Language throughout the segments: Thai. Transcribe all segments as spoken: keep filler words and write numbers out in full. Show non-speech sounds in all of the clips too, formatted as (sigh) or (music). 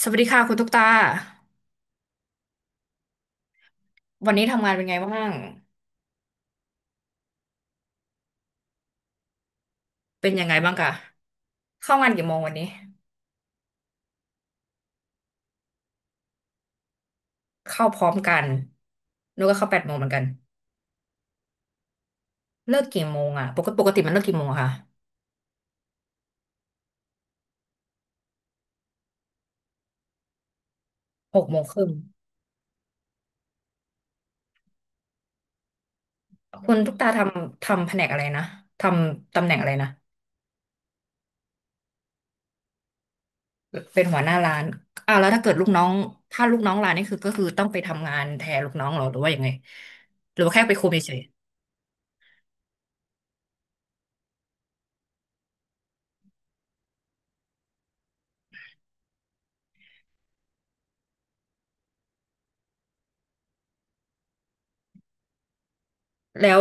สวัสดีค่ะคุณตุ๊กตาวันนี้ทำงานเป็นไงบ้างเป็นยังไงบ้างคะเข้างานกี่โมงวันนี้เข้าพร้อมกันหนูก็เข้าแปดโมงเหมือนกันเลิกกี่โมงอ่ะปกติปกติมันเลิกกี่โมงอะคะหกโมงครึ่งคุณตุ๊กตาทำทำแผนกอะไรนะทำตำแหน่งอะไรนะเป็นหัวหน้าร้านอ้าวแล้วถ้าเกิดลูกน้องถ้าลูกน้องร้านนี่คือก็คือต้องไปทำงานแทนลูกน้องเหรอหรือว่ายังไงหรือว่าแค่ไปคุมเฉยๆแล้ว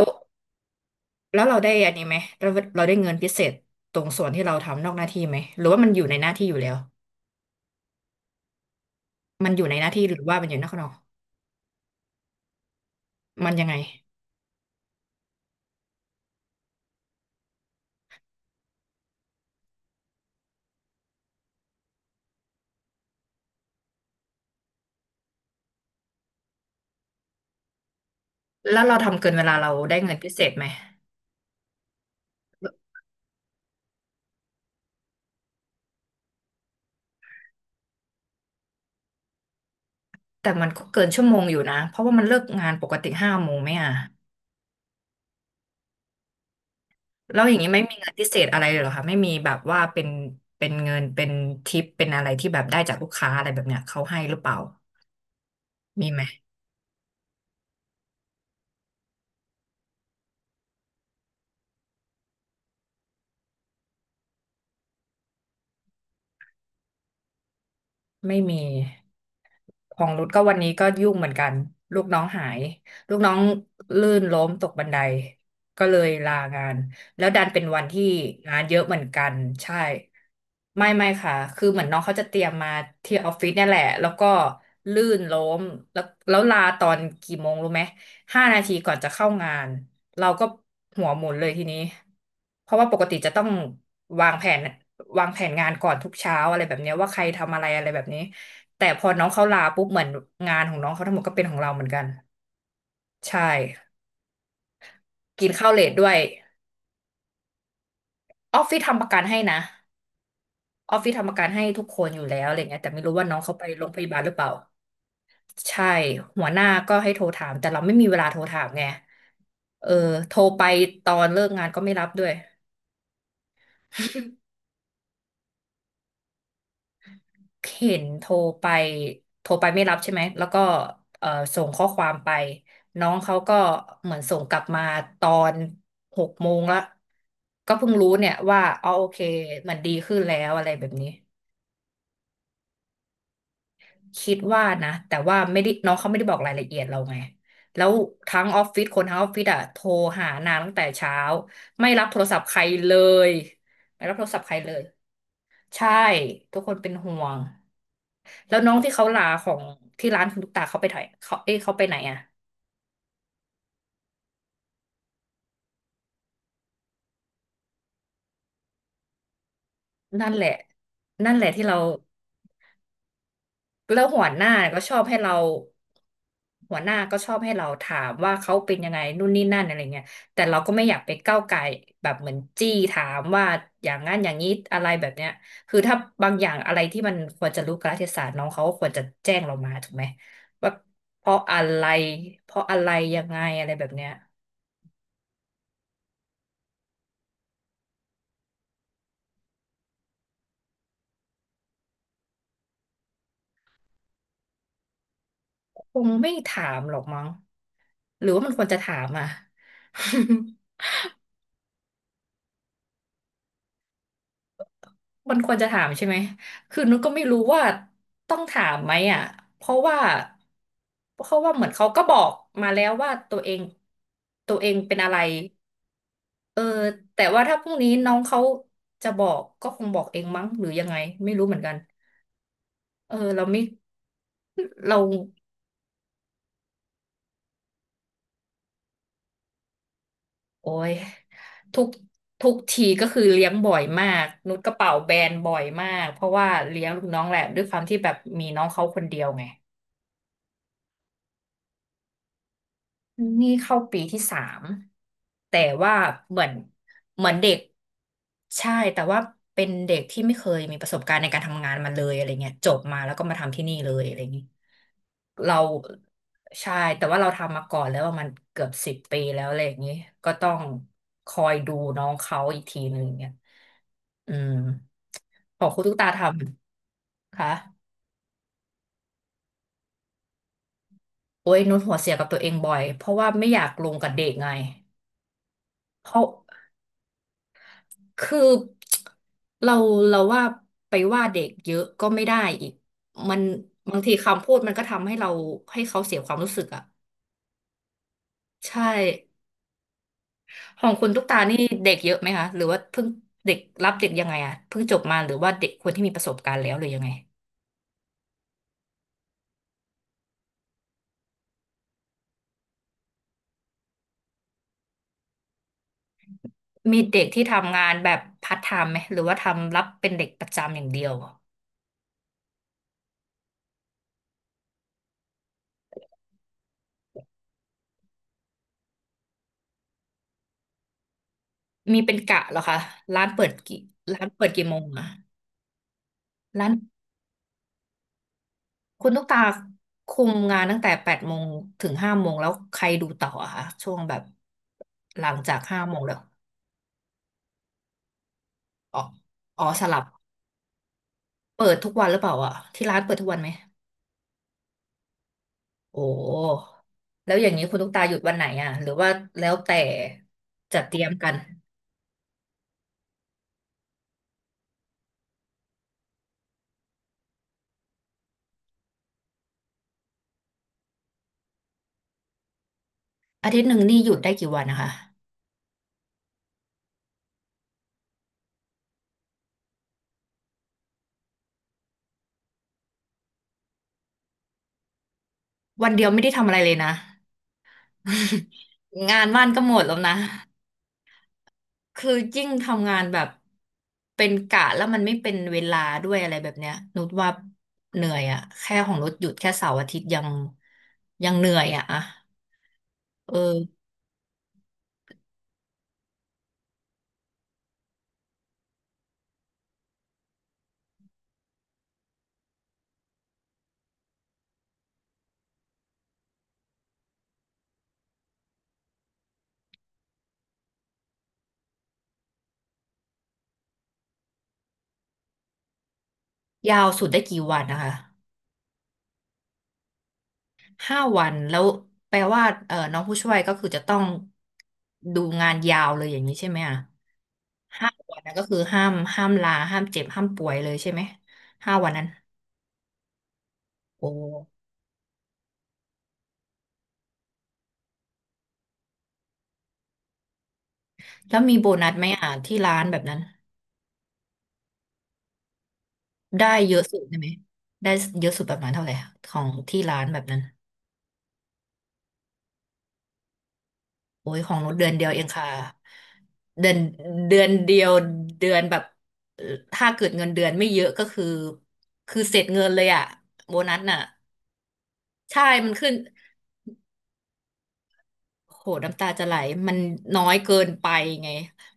แล้วเราได้อันนี้ไหมเราเราได้เงินพิเศษตรงส่วนที่เราทำนอกหน้าที่ไหมหรือว่ามันอยู่ในหน้าที่อยู่แล้วมันอยู่ในหน้าที่หรือว่ามันอยู่นอกนอกมันยังไงแล้วเราทำเกินเวลาเราได้เงินพิเศษไหมแต่มันก็เกินชั่วโมงอยู่นะเพราะว่ามันเลิกงานปกติห้าโมงไหมอ่ะแล้วอย่างนี้ไม่มีเงินพิเศษอะไรเลยเหรอคะไม่มีแบบว่าเป็นเป็นเงินเป็นทิปเป็นอะไรที่แบบได้จากลูกค้าอะไรแบบเนี้ยเขาให้หรือเปล่ามีไหม ไม่มีของรุดก็วันนี้ก็ยุ่งเหมือนกัน ลูกน้องหายลูกน้องลื่นล้มตกบันไดก็เลยลางาน แล้วดันเป็นวันที่งานเยอะเหมือนกันใช่ไม่ไม่ค่ะคือเหมือนน้องเขาจะเตรียมมาที่ออฟฟิศเนี่ยแหละแล้วก็ลื่นล้มแล้วแล้วลาตอนกี่โมงรู้ไหม ห้านาทีก่อนจะเข้างานเราก็หัวหมุนเลยทีนี้เพราะว่าปกติจะต้องวางแผนวางแผนงานก่อนทุกเช้าอะไรแบบเนี้ยว่าใครทำอะไรอะไรแบบนี้แต่พอน้องเขาลาปุ๊บเหมือนงานของน้องเขาทั้งหมดก็เป็นของเราเหมือนกันใช่กินข้าวเลทด้วยออฟฟิศทำประกันให้นะออฟฟิศทำประกันให้ทุกคนอยู่แล้วอะไรเงี้ยแต่ไม่รู้ว่าน้องเขาไปโรงพยาบาลหรือเปล่าใช่หัวหน้าก็ให้โทรถามแต่เราไม่มีเวลาโทรถามไงเออโทรไปตอนเลิกงานก็ไม่รับด้วย (laughs) เห็นโทรไปโทรไปไม่รับใช่ไหม แล้วก็เอ่อส่งข้อความไปน้องเขาก็เหมือนส่งกลับมาตอนหกโมงละก็เพิ่งรู้เนี่ยว่าอ๋อโอเคมันดีขึ้นแล้วอะไรแบบนี้คิดว่านะแต่ว่าไม่ได้น้องเขาไม่ได้บอกรายละเอียดเราไงแล้วทั้งออฟฟิศคนทั้งออฟฟิศอะโทรหานางตั้งแต่เช้าไม่รับโทรศัพท์ใครเลยไม่รับโทรศัพท์ใครเลย ใช่ทุกคนเป็นห่วงแล้วน้องที่เขาลาของที่ร้านคุณตุ๊กตาเขาไปถ่ยเขาเอ้ยเขาไปไหนอะนั่นแหละนั่นแหละที่เราแล้วหัวหน้าก็ชอบให้เราหัวหน้าก็ชอบให้เราถามว่าเขาเป็นยังไงนู่นนี่นั่นอะไรเงี้ยแต่เราก็ไม่อยากไปก้าวไก่ายแบบเหมือนจี้ถามว่าอย่างนั้นอย่างนี้อะไรแบบเนี้ยคือถ้าบางอย่างอะไรที่มันควรจะรู้กาลเทศะน้องเขาก็ควรจะแจ้งเรามาถูกไหมว่าเพราะอะไรเพราะอะไรยังไงอะไรแบบเนี้ย คงไม่ถามหรอกมั้งหรือว่ามันควรจะถามอ่ะ (laughs) มันควรจะถามใช่ไหมคือนุชก็ไม่รู้ว่าต้องถามไหมอ่ะเพราะว่าเพราะว่าเหมือนเขาก็บอกมาแล้วว่าตัวเองตัวเองเป็นอะไรเออแต่ว่าถ้าพรุ่งนี้น้องเขาจะบอกก็คงบอกเองมั้งหรือยังไงไม่รู้เหมือนกันเออเราไม่เรา โอ้ยทุกทุกทีก็คือเลี้ยงบ่อยมากนุชกระเป๋าแบนบ่อยมากเพราะว่าเลี้ยงลูกน้องแหละด้วยความที่แบบมีน้องเขาคนเดียวไงนี่เข้าปีที่สามแต่ว่าเหมือนเหมือนเด็กใช่แต่ว่าเป็นเด็กที่ไม่เคยมีประสบการณ์ในการทำงานมาเลยอะไรเงี้ยจบมาแล้วก็มาทำที่นี่เลยอะไรอย่างงี้เราใช่แต่ว่าเราทำมาก่อนแล้วว่ามันเกือบสิบปีแล้วอะไรอย่างงี้ก็ต้องคอยดูน้องเขาอีกทีหนึ่งเนี่ย อืมของคุณตุ๊กตาทำค่ะโอ้ยนุชหัวเสียกับตัวเองบ่อยเพราะว่าไม่อยากลงกับเด็กไงเพราะคือเราเราว่าไปว่าเด็กเยอะก็ไม่ได้อีกมันบางทีคำพูดมันก็ทำให้เราให้เขาเสียความรู้สึกอ่ะใช่ของคุณตุ๊กตานี่เด็กเยอะไหมคะหรือว่าเพิ่งเด็กรับเด็กยังไงอ่ะเพิ่งจบมาหรือว่าเด็กคนที่มีประสบการณ์แล้วหรือยังไงมีเด็กที่ทำงานแบบพาร์ทไทม์ไหมหรือว่าทำรับเป็นเด็กประจำอย่างเดียว มีเป็นกะเหรอคะร้านเปิดกี่ร้านเปิดกี่โมงอะร้านคุณตุ๊กตาคุมงานตั้งแต่แปดโมงถึงห้าโมงแล้วใครดูต่ออะคะช่วงแบบหลังจากห้าโมงแล้วอ๋ออ๋อสลับเปิดทุกวันหรือเปล่าอะที่ร้านเปิดทุกวันไหมโอ้แล้วอย่างนี้คุณตุ๊กตาหยุดวันไหนอะหรือว่าแล้วแต่จัดเตรียมกันอาทิตย์หนึ่งนี่หยุดได้กี่วันนะคะวันเดียวไม่ได้ทำอะไรเลยนะ (laughs) งานบ้านก็หมดแล้วนะ คือยิ่งทำงานแบบเป็นกะแล้วมันไม่เป็นเวลาด้วยอะไรแบบเนี้ยนุชว่าเหนื่อยอะแค่ของนุชหยุดแค่เสาร์อาทิตย์ยังยังเหนื่อยอะอะเออยาวสุดได้กี่วันนะคะห้าวันแล้วแปลว่าเออน้องผู้ช่วยก็คือจะต้องดูงานยาวเลยอย่างนี้ใช่ไหมอะห้าวันนั้นก็คือห้ามห้ามลาห้ามเจ็บห้ามป่วยเลยใช่ไหมห้าวันนั้นโอ้แล้วมีโบนัสไหมอะที่ร้านแบบนั้น ได้เยอะสุดได้ไหมได้เยอะสุดประมาณเท่าไหร่อะของที่ร้านแบบนั้นโอ้ยของนุชเดือนเดียวเองค่ะเดือนเดือนเดียวเดือนแบบเอ่อถ้าเกิดเงินเดือนไม่เยอะก็คือคือเสร็จเงินเลยอะโบนัสน่ะใช่มันขึ้นโหน้ำตาจะไหลมันน้อยเกินไปไง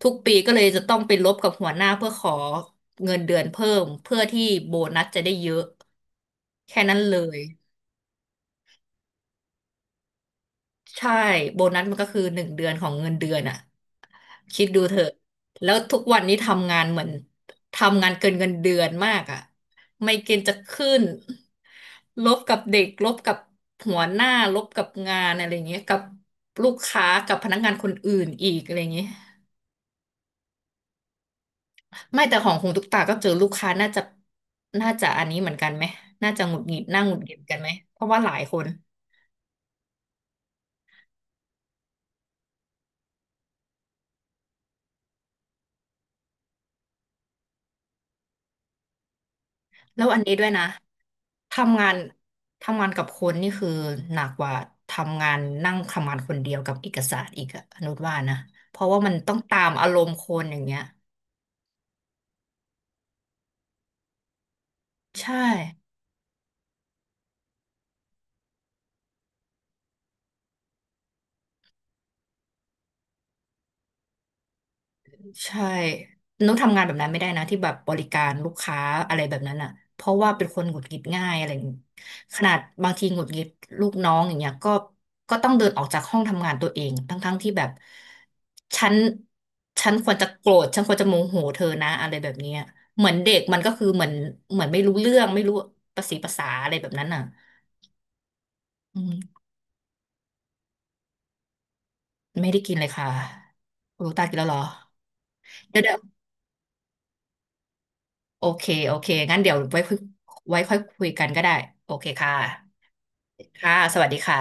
ทุกปีก็เลยจะต้องไปลบกับหัวหน้าเพื่อขอเงินเดือนเพิ่มเพื่อที่โบนัสจะได้เยอะแค่นั้นเลยใช่โบนัสมันก็คือหนึ่งเดือนของเงินเดือนอะ คิดดูเถอะแล้วทุกวันนี้ทำงานเหมือนทำงานเกินเงินเดือนมากอ่ะไมเกรนจะขึ้นลบกับเด็กลบกับหัวหน้าลบกับงานอะไรอย่างเงี้ยกับลูกค้ากับพนักงานคนอื่นอีกอะไรอย่างเงี้ยไม่แต่ของคุณตุกตาก็เจอลูกค้าน่าจะน่าจะอันนี้เหมือนกันไหมน่าจะหงุดหงิดน่าหงุดหงิดกันไหมเพราะว่าหลายคน แล้วอันนี้ด้วยนะทำงานทำงานกับคนนี่คือหนักกว่าทำงานนั่งทำงานคนเดียวกับเอกสารอีกอะอนุชว่านะเพราะว่ามันต้องตามอารมณ์คนอย่างเงี้ยใช่ ใช่นุ๊กทำงานแบบนั้นไม่ได้นะที่แบบบริการลูกค้าอะไรแบบนั้นอ่ะเพราะว่าเป็นคนหงุดหงิดง่ายอะไรอย่างงี้ขนาดบางทีหงุดหงิดลูกน้องอย่างเงี้ยก็ก็ต้องเดินออกจากห้องทำงานตัวเองทั้งๆที่แบบฉันฉันควรจะโกรธฉันควรจะโมโหเธอนะอะไรแบบเนี้ยเหมือนเด็กมันก็คือเหมือนเหมือนไม่รู้เรื่องไม่รู้ประสีภาษาอะไรแบบนั้นอ่ะอืมไม่ได้กินเลยค่ะลูกตากินแล้วเหรอเดี๋ยว โอเค โอเค งั้นเดี๋ยวไว้คุยไว้ค่อยคุยกันก็ได้ โอเคค่ะค่ะสวัสดีค่ะ